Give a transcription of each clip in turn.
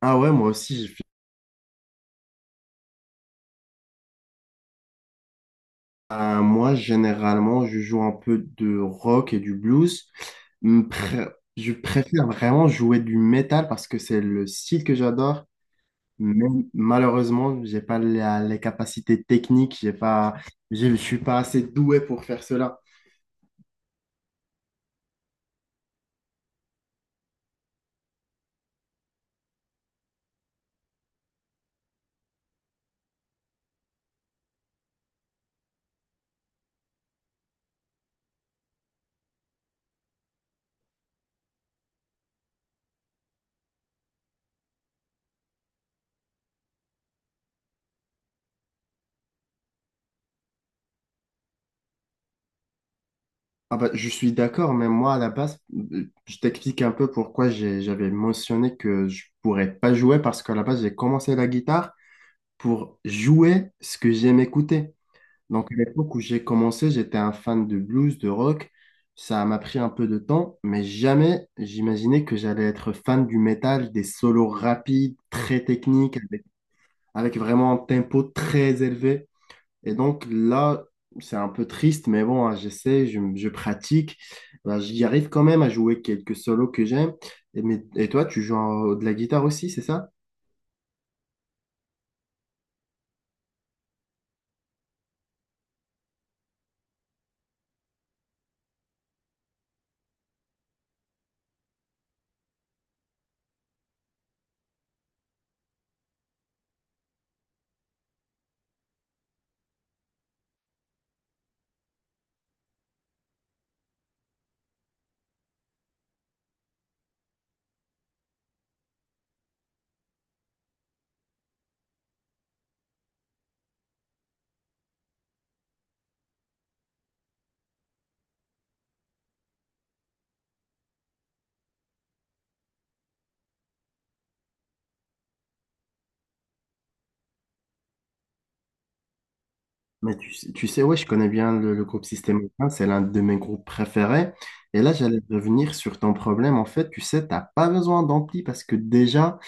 Ah ouais, moi aussi, Ah, moi, généralement, je joue un peu de rock et du blues. Hum, pré- Je préfère vraiment jouer du métal parce que c'est le style que j'adore. Mais malheureusement, j'ai pas la- les capacités techniques, j'ai pas, j'ai- je suis pas assez doué pour faire cela. Ah bah, je suis d'accord, mais moi, à la base, je t'explique un peu pourquoi j'avais mentionné que je pourrais pas jouer parce qu'à la base, j'ai commencé la guitare pour jouer ce que j'aime écouter. Donc, à l'époque où j'ai commencé, j'étais un fan de blues, de rock. Ça m'a pris un peu de temps, mais jamais j'imaginais que j'allais être fan du métal, des solos rapides, très techniques, avec vraiment un tempo très élevé. Et donc là, c'est un peu triste, mais bon, hein, je pratique. Ben, j'y arrive quand même à jouer quelques solos que j'aime. Et toi, de la guitare aussi, c'est ça? Tu sais, ouais, je connais bien le groupe Système U, c'est l'un de mes groupes préférés. Et là, j'allais revenir sur ton problème. En fait, tu sais, t'as pas besoin d'ampli parce que déjà,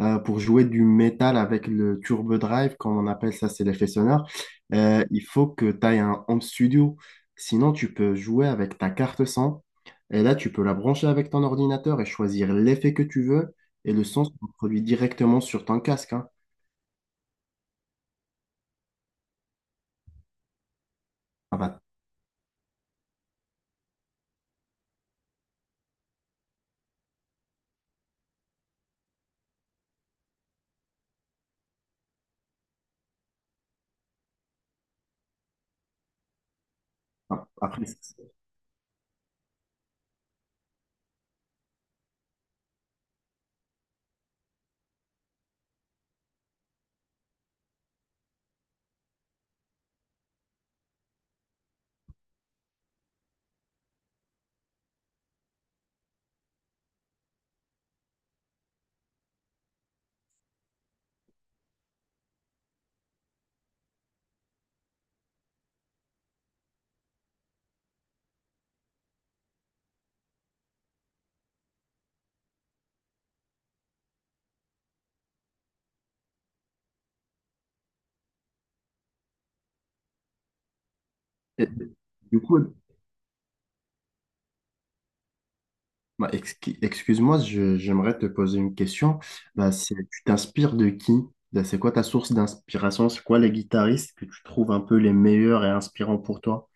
pour jouer du métal avec le turbo drive, comme on appelle ça, c'est l'effet sonore, il faut que tu aies un home studio. Sinon, tu peux jouer avec ta carte son. Et là, tu peux la brancher avec ton ordinateur et choisir l'effet que tu veux. Et le son se produit directement sur ton casque, hein. Ah bah, ah, après, c'est- du coup, Excuse-moi, j'aimerais te poser une question. Tu t'inspires de qui? Bah, c'est quoi ta source d'inspiration? C'est quoi les guitaristes que tu trouves un peu les meilleurs et inspirants pour toi?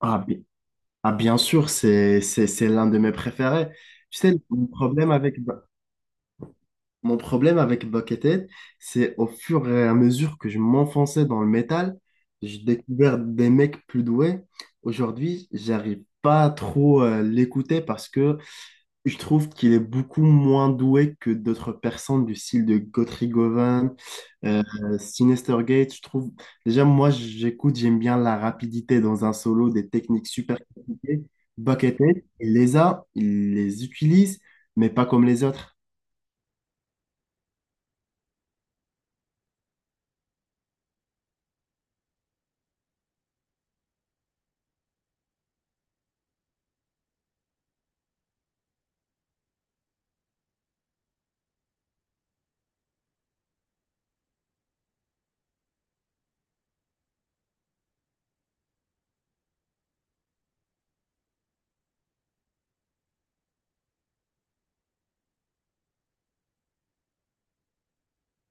Ah, bi- ah, bien sûr, c'est l'un de mes préférés. Tu sais, mon problème avec Buckethead, c'est au fur et à mesure que je m'enfonçais dans le métal, j'ai découvert des mecs plus doués. Aujourd'hui, j'arrive pas trop à l'écouter parce que je trouve qu'il est beaucoup moins doué que d'autres personnes du style de Guthrie Govan, euh, Sinister Gates. Je trouve, déjà, moi, j'écoute, j'aime bien la rapidité dans un solo, des techniques super compliquées. Buckethead, il les utilise, mais pas comme les autres.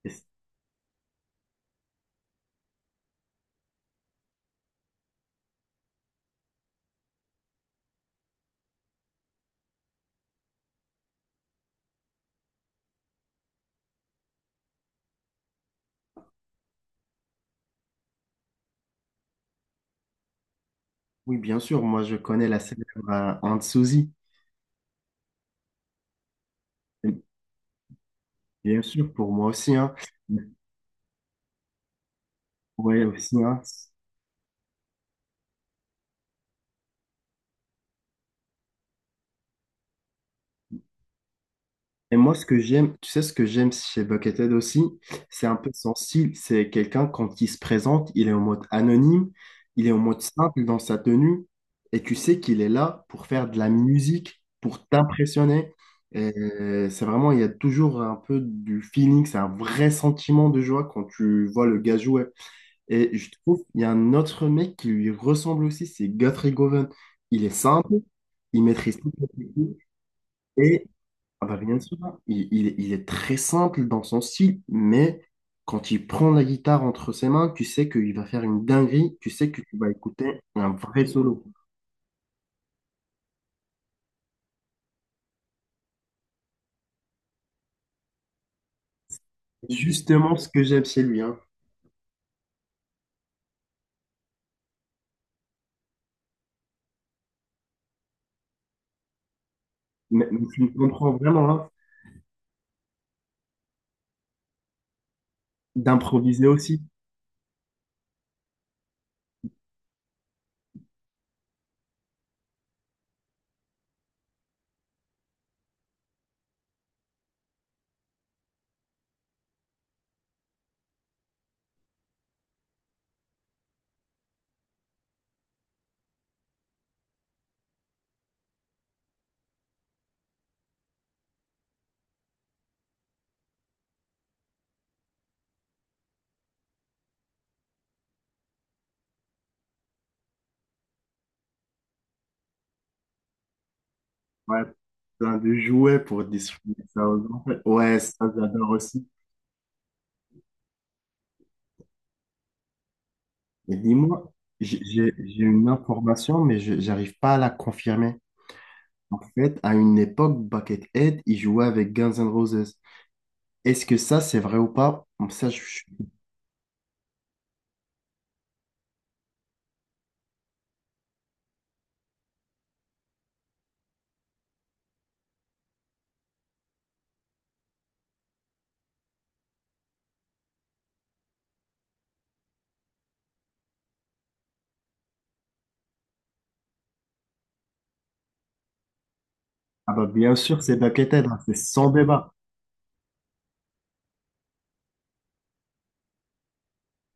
Et c- oui, bien sûr, moi, je connais la célèbre Aunt Suzy. Bien sûr, pour moi aussi, hein. Ouais, aussi, hein. Et moi, ce que j'aime, chez Buckethead aussi, c'est un peu son style. C'est quelqu'un, quand il se présente, il est en mode anonyme, il est en mode simple dans sa tenue, et tu sais qu'il est là pour faire de la musique, pour t'impressionner. Et c'est vraiment, il y a toujours un peu du feeling, c'est un vrai sentiment de joie quand tu vois le gars jouer. Et je trouve, il y a un autre mec qui lui ressemble aussi, c'est Guthrie Govan. Il est simple, il maîtrise tout. Et ah bah, bien sûr, il est très simple dans son style, mais quand il prend la guitare entre ses mains, tu sais qu'il va faire une dinguerie, tu sais que tu vas écouter un vrai solo. Justement ce que j'aime chez lui, hein. Mais tu me comprends vraiment, hein, d'improviser aussi. Ouais, plein de jouets pour distribuer ça aux enfants. Ouais, ça j'adore aussi. Mais dis-moi, j'ai une information, mais je j'arrive pas à la confirmer. En fait, à une époque, Buckethead, il jouait avec Guns N' Roses. Est-ce que ça, c'est vrai ou pas? Comme ça, Ah bah bien sûr, c'est Buckethead, hein, c'est sans débat.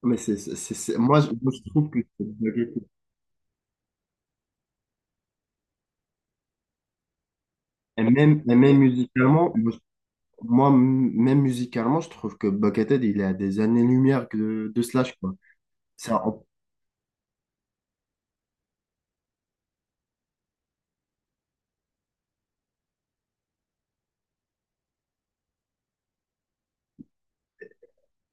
Moi, je trouve que c'est Buckethead. Et même musicalement, moi, même musicalement, je trouve que Buckethead, il est à des années-lumière que de Slash, quoi. Ça,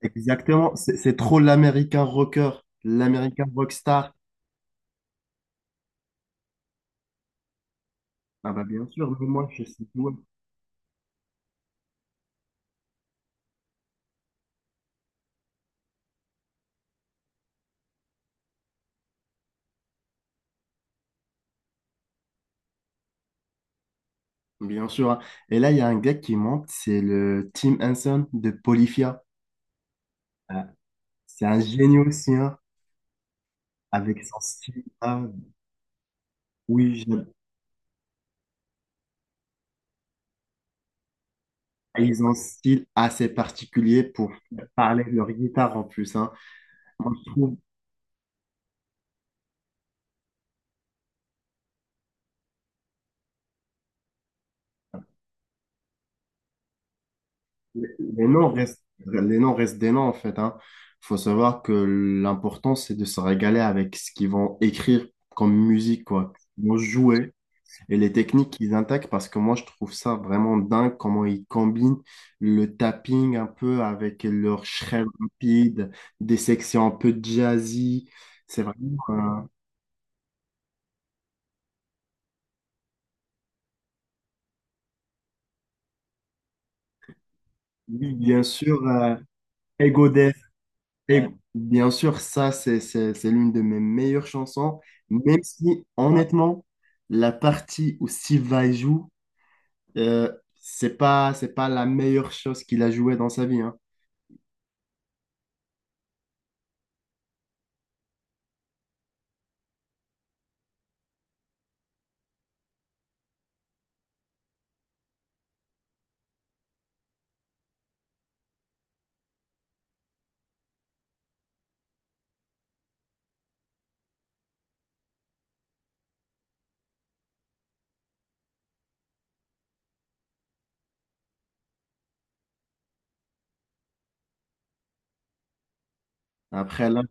Exactement, c'est trop l'américain rocker, l'américain rockstar. Ah bah bien sûr, mais moi je sais tout, hein. Bien sûr, hein. Et là, il y a un gars qui monte, c'est le Tim Henson de Polyphia. Ah, c'est un génie aussi, hein, avec son style. Ah, oui, j'aime. Ils ont un style assez particulier pour parler de leur guitare en plus, hein. Moi, je trouve Les les noms restent des noms, en fait, hein. Faut savoir que l'important, c'est de se régaler avec ce qu'ils vont écrire comme musique, quoi. Ils vont jouer et les techniques qu'ils attaquent, parce que moi, je trouve ça vraiment dingue comment ils combinent le tapping un peu avec leur shred rapide, des sections un peu jazzy. C'est vraiment, oui, bien sûr, Ego. Et ouais, bien sûr, ça, c'est l'une de mes meilleures chansons, même si, honnêtement, la partie où Siva joue, c'est pas la meilleure chose qu'il a jouée dans sa vie, hein. Après, là,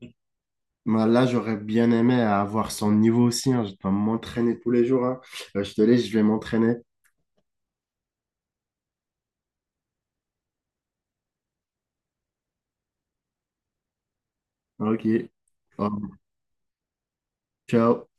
moi, là j'aurais bien aimé avoir son niveau aussi, hein. Je dois m'entraîner tous les jours, hein. Je te laisse, je vais m'entraîner. Ok. Oh, ciao.